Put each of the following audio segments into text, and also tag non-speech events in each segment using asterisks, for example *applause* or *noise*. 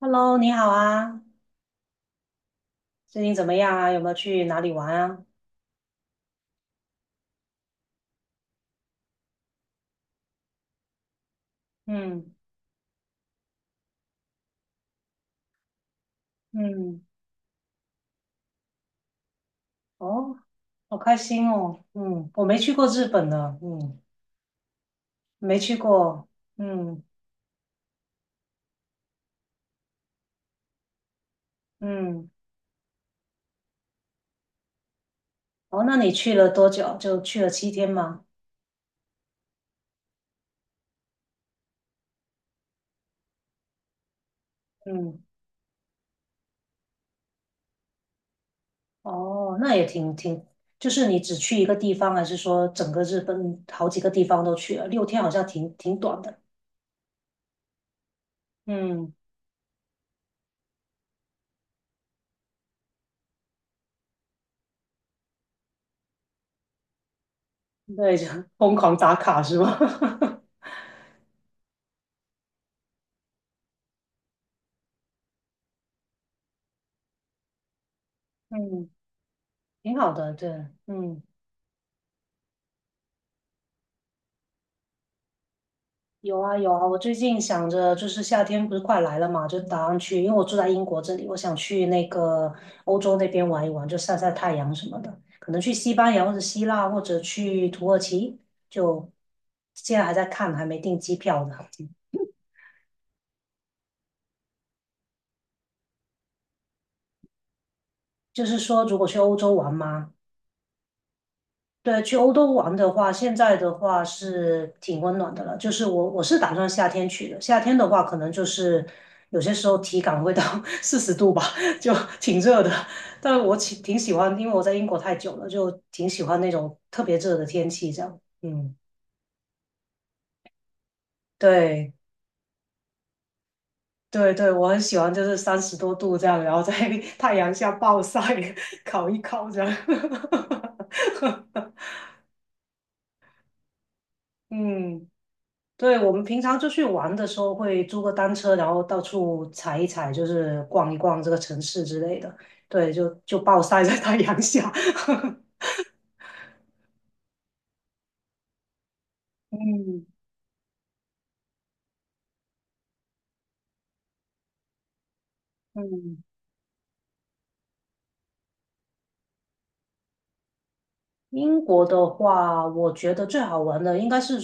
Hello，你好啊，最近怎么样啊？有没有去哪里玩啊？嗯嗯，哦，好开心哦。嗯，我没去过日本呢。嗯，没去过。嗯嗯，哦，那你去了多久？就去了7天吗？嗯，哦，那也挺，就是你只去一个地方，还是说整个日本好几个地方都去了？六天好像挺短的。嗯，对，就 *laughs* 疯狂打卡是吧？*laughs* 嗯，挺好的，对，嗯。有啊有啊，我最近想着就是夏天不是快来了嘛，就打算去，因为我住在英国这里，我想去那个欧洲那边玩一玩，就晒晒太阳什么的，可能去西班牙或者希腊或者去土耳其，就现在还在看，还没订机票呢。就是说，如果去欧洲玩嘛，对，去欧洲玩的话，现在的话是挺温暖的了。就是我是打算夏天去的，夏天的话可能就是有些时候体感会到 *laughs* 40度吧，*laughs* 就挺热的。但我挺喜欢，因为我在英国太久了，就挺喜欢那种特别热的天气这样。嗯，对对对，我很喜欢，就是30多度这样，然后在 *laughs* 太阳下暴晒 *laughs*，烤一烤这样。*laughs* 嗯。对，我们平常出去玩的时候会租个单车，然后到处踩一踩，就是逛一逛这个城市之类的。对，就暴晒在太阳下。*laughs* 嗯嗯。英国的话，我觉得最好玩的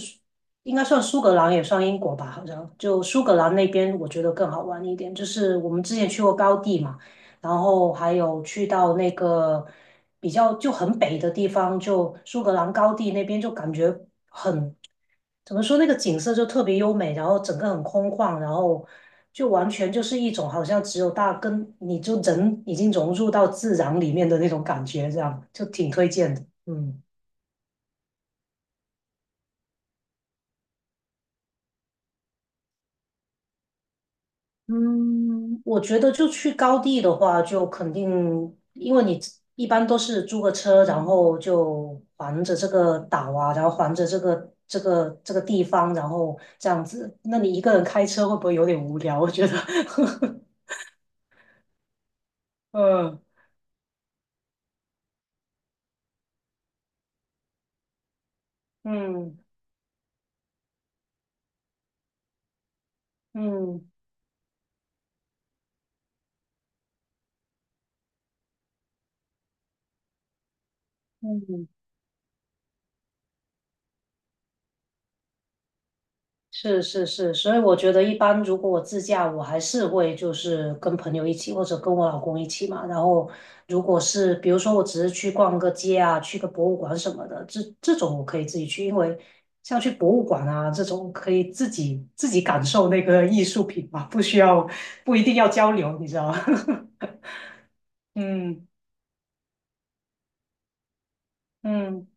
应该算苏格兰，也算英国吧，好像就苏格兰那边，我觉得更好玩一点。就是我们之前去过高地嘛，然后还有去到那个比较就很北的地方，就苏格兰高地那边，就感觉很，怎么说那个景色就特别优美，然后整个很空旷，然后就完全就是一种好像只有大跟你就人已经融入到自然里面的那种感觉，这样就挺推荐的。嗯嗯，我觉得就去高地的话，就肯定，因为你一般都是租个车，然后就环着这个岛啊，然后环着这个地方，然后这样子。那你一个人开车会不会有点无聊？我觉得，*laughs* 嗯嗯嗯嗯，是是是，所以我觉得一般如果我自驾，我还是会就是跟朋友一起或者跟我老公一起嘛。然后如果是比如说我只是去逛个街啊，去个博物馆什么的，这种我可以自己去，因为像去博物馆啊这种可以自己感受那个艺术品嘛，不一定要交流，你知道吗？*laughs* 嗯嗯。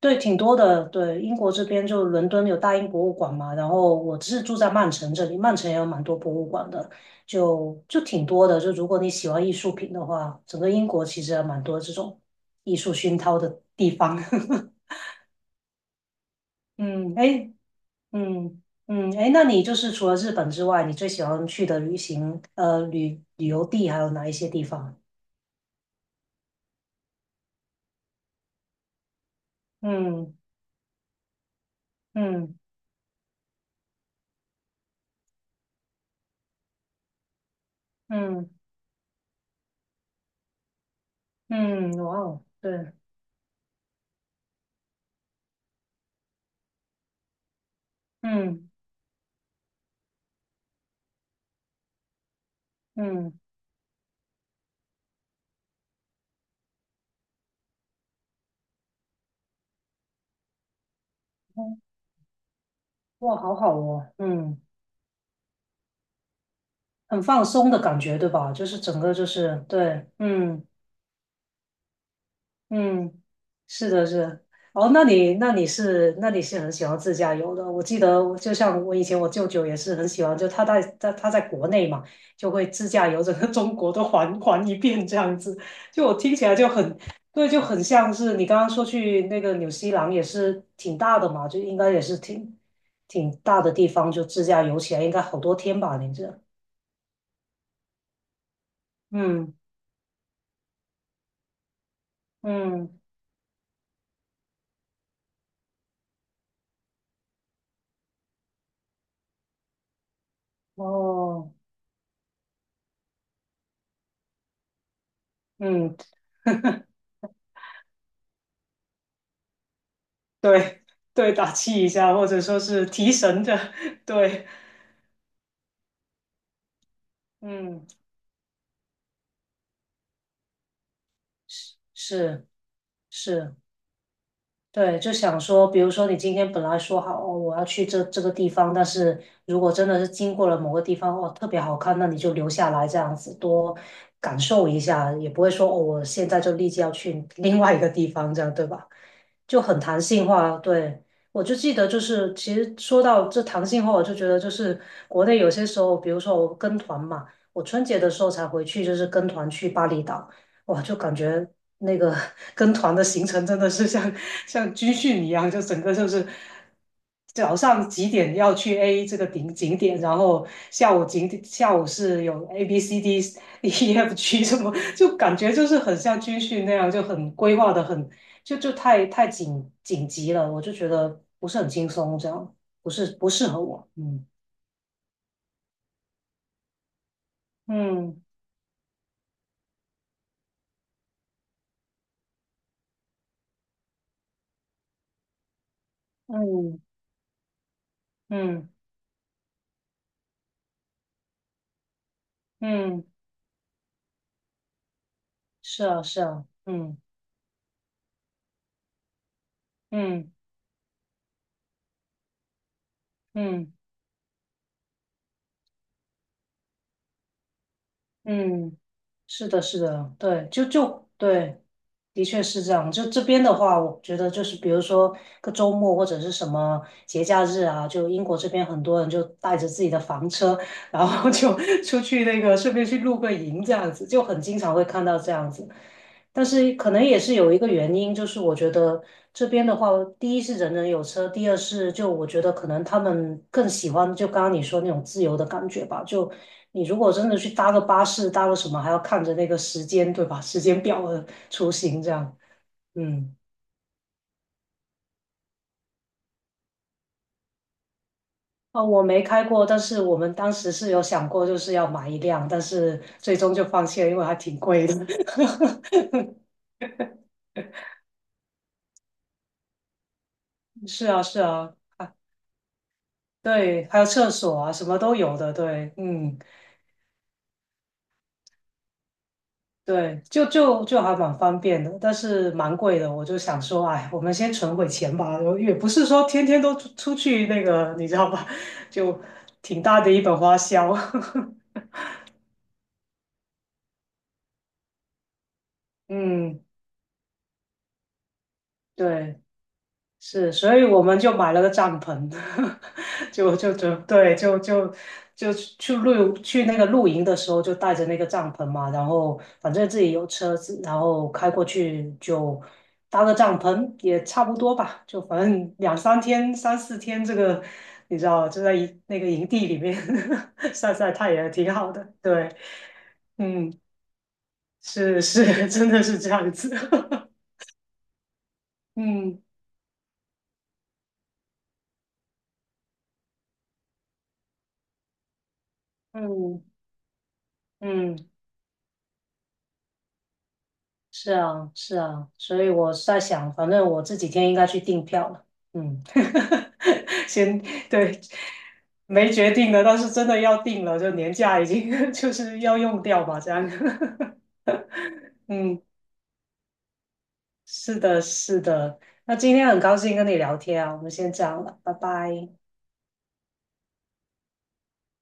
对，挺多的。对，英国这边就伦敦有大英博物馆嘛，然后我是住在曼城这里，曼城也有蛮多博物馆的，就挺多的。就如果你喜欢艺术品的话，整个英国其实还蛮多这种艺术熏陶的地方。*laughs* 嗯，哎，嗯嗯，哎，那你就是除了日本之外，你最喜欢去的旅行呃旅旅游地还有哪一些地方？嗯嗯嗯嗯，哇哦，对，嗯嗯。哇，好好哦，嗯，很放松的感觉，对吧？就是整个就是对，嗯嗯，是的，是的。哦，那你是很喜欢自驾游的。我记得，就像我以前我舅舅也是很喜欢，就他在国内嘛，就会自驾游整个中国都环一遍这样子。就我听起来就很对，就很像是你刚刚说去那个纽西兰也是挺大的嘛，就应该也是挺大的地方，就自驾游起来应该好多天吧？你这。嗯嗯，哦，嗯，对，对，打气一下，或者说是提神的，*laughs* 对，嗯，是是，对，就想说，比如说你今天本来说好哦，我要去这个地方，但是如果真的是经过了某个地方，哦，特别好看，那你就留下来这样子多感受一下，也不会说哦，我现在就立即要去 *laughs* 另外一个地方，这样对吧？就很弹性化。对，我就记得就是，其实说到这弹性化，我就觉得就是国内有些时候，比如说我跟团嘛，我春节的时候才回去，就是跟团去巴厘岛。哇，就感觉那个 *laughs* 跟团的行程真的是像军训一样，就整个就是早上几点要去 A 这个顶景点，然后下午是有 A B C D *laughs* E F G 什么，就感觉就是很像军训那样，就很规划的很就太紧急了，我就觉得不是很轻松，这样不是不适合我，嗯嗯嗯嗯嗯，是啊是啊，嗯嗯。嗯嗯，是的，是的，对，就对，的确是这样。就这边的话，我觉得就是比如说个周末或者是什么节假日啊，就英国这边很多人就带着自己的房车，然后就 *laughs* 出去那个顺便去露个营这样子，就很经常会看到这样子。但是可能也是有一个原因，就是我觉得这边的话，第一是人人有车，第二是就我觉得可能他们更喜欢就刚刚你说那种自由的感觉吧，就你如果真的去搭个巴士，搭个什么，还要看着那个时间，对吧？*laughs* 时间表的出行这样。嗯，啊，我没开过，但是我们当时是有想过，就是要买一辆，但是最终就放弃了，因为还挺贵的。*laughs* 是啊，是啊，啊，对，还有厕所啊，什么都有的，对，嗯。对，就还蛮方便的，但是蛮贵的。我就想说，哎，我们先存会钱吧。然后也不是说天天都出去那个，你知道吧？*laughs* 就挺大的一本花销。*laughs* 嗯，对。是，所以我们就买了个帐篷，*laughs* 就对，就就就去露去那个露营的时候就带着那个帐篷嘛，然后反正自己有车子，然后开过去就搭个帐篷也差不多吧，就反正两三天、三四天这个，你知道就在营那个营地里面 *laughs* 晒晒太阳挺好的，对，嗯，是是，*laughs* 真的是这样子，*laughs* 嗯嗯嗯。是啊，是啊，所以我是在想，反正我这几天应该去订票了。嗯，*laughs* 先对，没决定的，但是真的要定了，就年假已经 *laughs* 就是要用掉吧，这样。*laughs* 嗯，是的，是的。那今天很高兴跟你聊天啊，我们先这样了，拜拜。